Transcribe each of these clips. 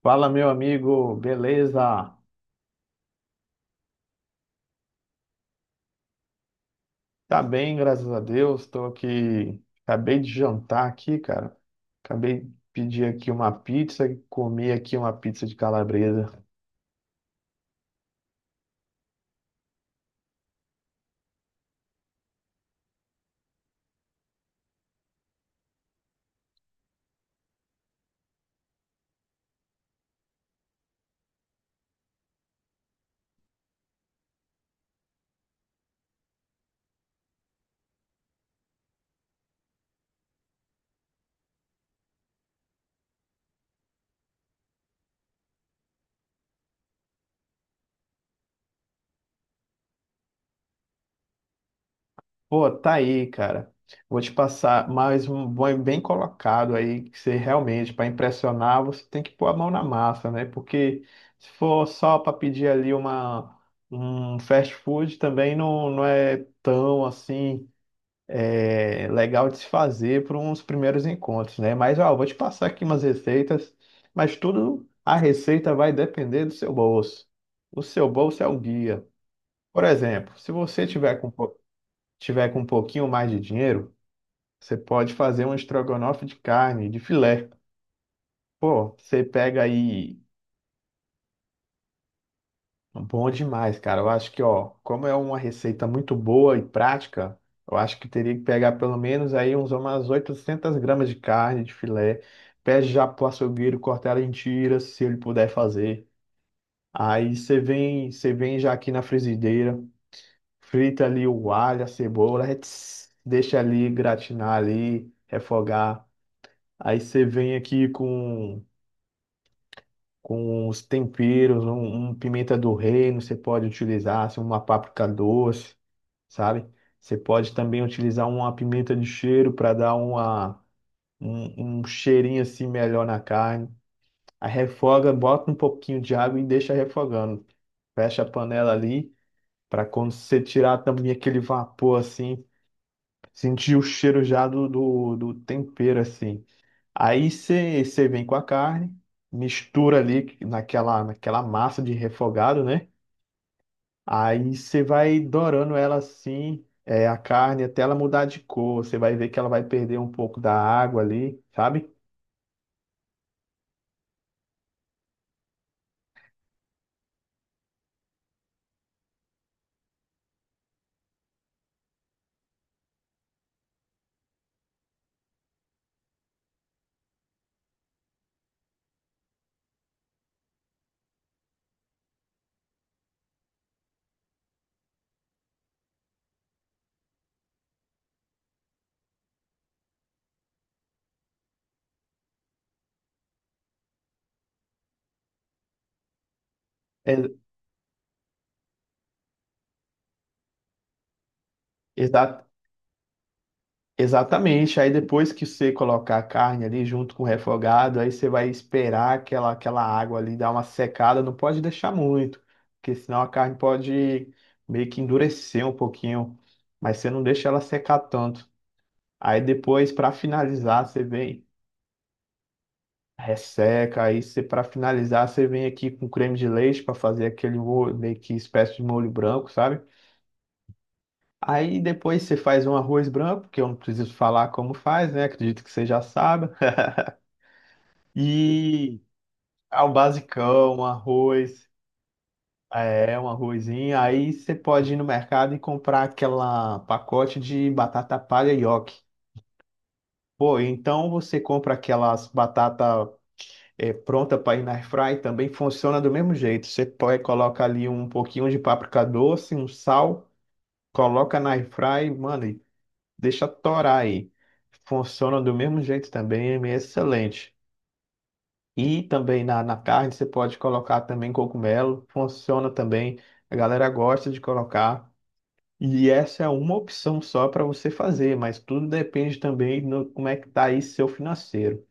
Fala, meu amigo, beleza? Tá bem, graças a Deus. Tô aqui, acabei de jantar aqui, cara. Acabei de pedir aqui uma pizza, comi aqui uma pizza de calabresa. Pô, tá aí, cara. Vou te passar mais um bom bem colocado aí, que você realmente, para impressionar, você tem que pôr a mão na massa, né? Porque se for só para pedir ali uma um fast food também não é tão assim é, legal de se fazer para uns primeiros encontros, né? Mas, ó, eu vou te passar aqui umas receitas, mas tudo a receita vai depender do seu bolso. O seu bolso é o guia. Por exemplo, se você tiver com, pou- tiver com um pouquinho mais de dinheiro, você pode fazer um estrogonofe de carne, de filé. Pô, você pega aí. Bom demais, cara. Eu acho que, ó, como é uma receita muito boa e prática, eu acho que teria que pegar pelo menos aí uns umas 800 gramas de carne de filé. Pede já pro açougueiro cortar ela em tiras, se ele puder fazer. Aí você vem já aqui na frigideira, frita ali o alho, a cebola, ets, deixa ali gratinar ali, refogar. Aí você vem aqui com os temperos, um pimenta do reino, você pode utilizar, assim, uma páprica doce. Sabe? Você pode também utilizar uma pimenta de cheiro para dar uma, um cheirinho assim melhor na carne. Aí refoga, bota um pouquinho de água e deixa refogando. Fecha a panela ali para quando você tirar a tampinha, aquele vapor assim, sentir o cheiro já do tempero assim. Aí você vem com a carne, mistura ali naquela massa de refogado, né? Aí você vai dourando ela assim, a carne, até ela mudar de cor. Você vai ver que ela vai perder um pouco da água ali, sabe? É, exa- exatamente. Aí depois que você colocar a carne ali junto com o refogado, aí você vai esperar aquela água ali dar uma secada. Não pode deixar muito, porque senão a carne pode meio que endurecer um pouquinho. Mas você não deixa ela secar tanto. Aí depois, para finalizar, você vem. Resseca, aí você para finalizar, você vem aqui com creme de leite para fazer aquele molho, meio que espécie de molho branco, sabe? Aí depois você faz um arroz branco, que eu não preciso falar como faz, né? Acredito que você já sabe. E ao basicão, um arroz, um arrozinho. Aí você pode ir no mercado e comprar aquela pacote de batata palha nhoque. Pô, então você compra aquelas batata pronta para ir na air fry também funciona do mesmo jeito. Você pode colocar ali um pouquinho de páprica doce, um sal, coloca na air fry mano, e deixa torar aí. Funciona do mesmo jeito também, é excelente. E também na carne você pode colocar também cogumelo, funciona também. A galera gosta de colocar. E essa é uma opção só para você fazer, mas tudo depende também no como é que tá aí seu financeiro.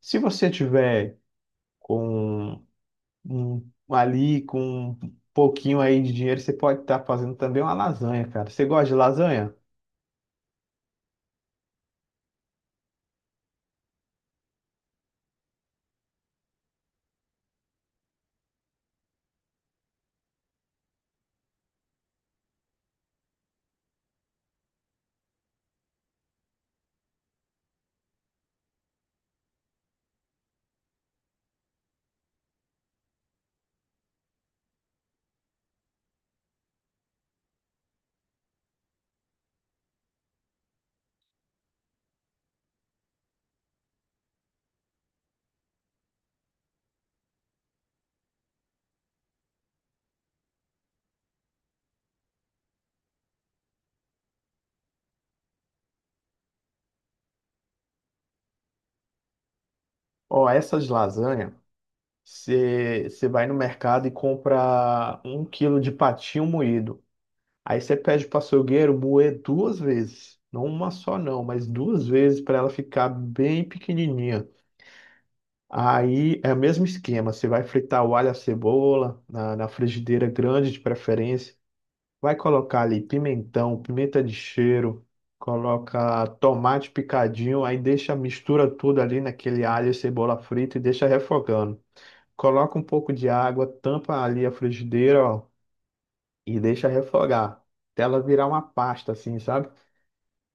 Se você tiver com ali com um pouquinho aí de dinheiro, você pode estar fazendo também uma lasanha, cara. Você gosta de lasanha? Ó, essas lasanha, você vai no mercado e compra um quilo de patinho moído. Aí você pede para o açougueiro moer duas vezes. Não uma só não, mas duas vezes para ela ficar bem pequenininha. Aí é o mesmo esquema, você vai fritar o alho e a cebola na frigideira grande de preferência. Vai colocar ali pimentão, pimenta de cheiro, coloca tomate picadinho, aí deixa mistura tudo ali naquele alho e cebola frita e deixa refogando. Coloca um pouco de água, tampa ali a frigideira, ó, e deixa refogar. Até ela virar uma pasta assim, sabe?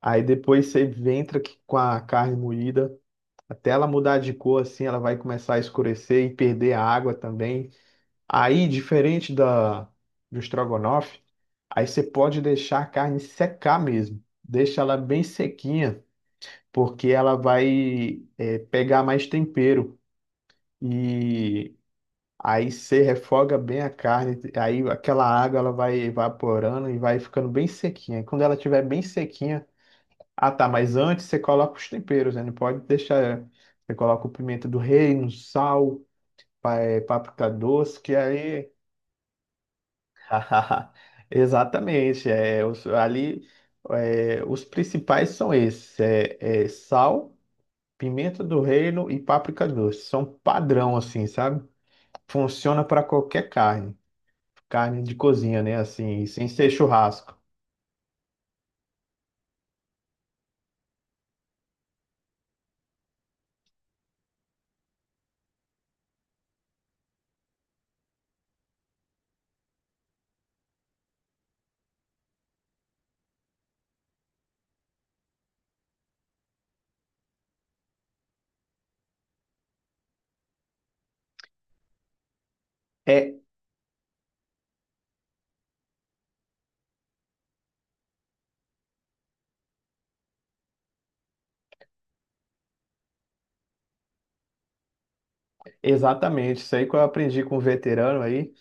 Aí depois você entra aqui com a carne moída, até ela mudar de cor assim, ela vai começar a escurecer e perder a água também. Aí, diferente do estrogonofe, aí você pode deixar a carne secar mesmo. Deixa ela bem sequinha, porque ela vai pegar mais tempero. E aí você refoga bem a carne, aí aquela água ela vai evaporando e vai ficando bem sequinha. E quando ela estiver bem sequinha, ah tá, mas antes você coloca os temperos, né? Não pode deixar. Você coloca o pimenta do reino, sal, páprica doce, que aí. Exatamente. Ali, os principais são esses: sal, pimenta do reino e páprica doce. São padrão, assim, sabe? Funciona para qualquer carne de cozinha, né? Assim, sem ser churrasco. É, exatamente. Isso aí que eu aprendi com um veterano aí,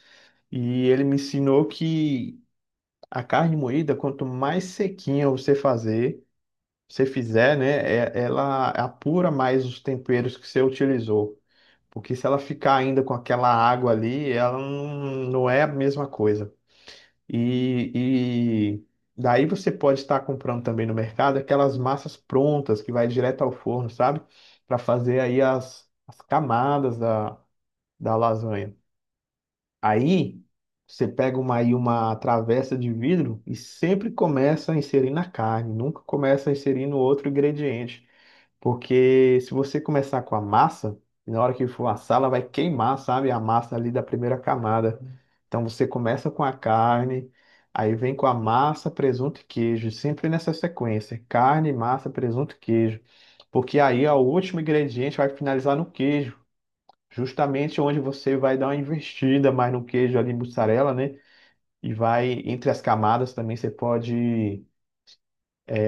e ele me ensinou que a carne moída, quanto mais sequinha você fizer, né? Ela apura mais os temperos que você utilizou. Porque se ela ficar ainda com aquela água ali, ela não é a mesma coisa. E daí você pode estar comprando também no mercado aquelas massas prontas que vai direto ao forno, sabe? Para fazer aí as camadas da lasanha. Aí você pega uma travessa de vidro e sempre começa a inserir na carne, nunca começa a inserir no outro ingrediente. Porque se você começar com a massa, na hora que for assar, ela vai queimar, sabe? A massa ali da primeira camada. Então você começa com a carne, aí vem com a massa, presunto e queijo, sempre nessa sequência: carne, massa, presunto e queijo. Porque aí ó, o último ingrediente vai finalizar no queijo, justamente onde você vai dar uma investida mais no queijo ali, mussarela, né? E vai entre as camadas também você pode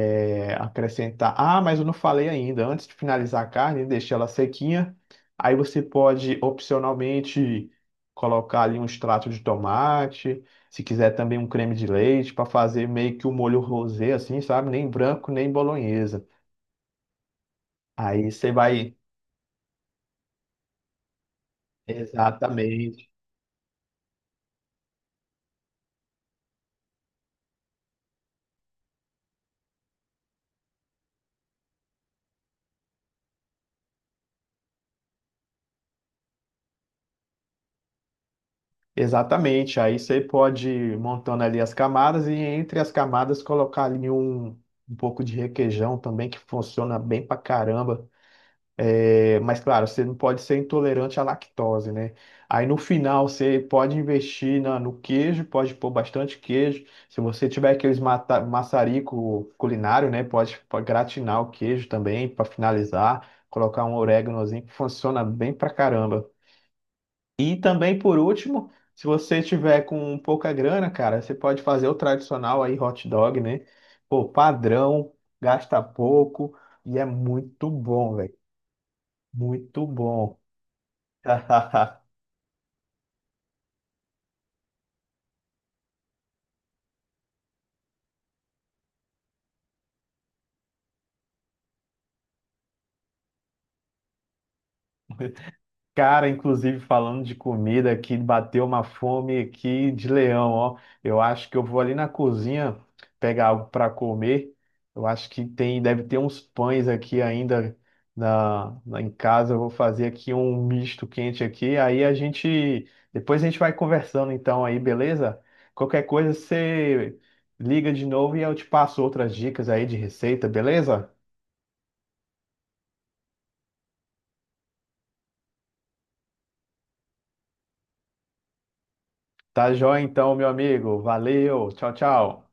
acrescentar. Ah, mas eu não falei ainda. Antes de finalizar a carne, deixa ela sequinha. Aí você pode opcionalmente colocar ali um extrato de tomate, se quiser também um creme de leite para fazer meio que o molho rosé assim, sabe? Nem branco, nem bolonhesa. Aí você vai. Exatamente, exatamente. Aí você pode ir montando ali as camadas e entre as camadas colocar ali um pouco de requeijão também que funciona bem pra caramba. É, mas claro, você não pode ser intolerante à lactose, né? Aí no final você pode investir no queijo, pode pôr bastante queijo. Se você tiver aqueles maçarico culinário, né? Pode gratinar o queijo também para finalizar, colocar um oréganozinho que funciona bem pra caramba. E também por último, se você tiver com pouca grana, cara, você pode fazer o tradicional aí hot dog, né? Pô, padrão, gasta pouco e é muito bom, velho. Muito bom. Cara, inclusive falando de comida aqui, bateu uma fome aqui de leão, ó. Eu acho que eu vou ali na cozinha pegar algo para comer. Eu acho que tem, deve ter uns pães aqui ainda em casa. Eu vou fazer aqui um misto quente aqui. Depois a gente vai conversando então aí, beleza? Qualquer coisa você liga de novo e eu te passo outras dicas aí de receita, beleza? Tá joia então, meu amigo. Valeu. Tchau, tchau.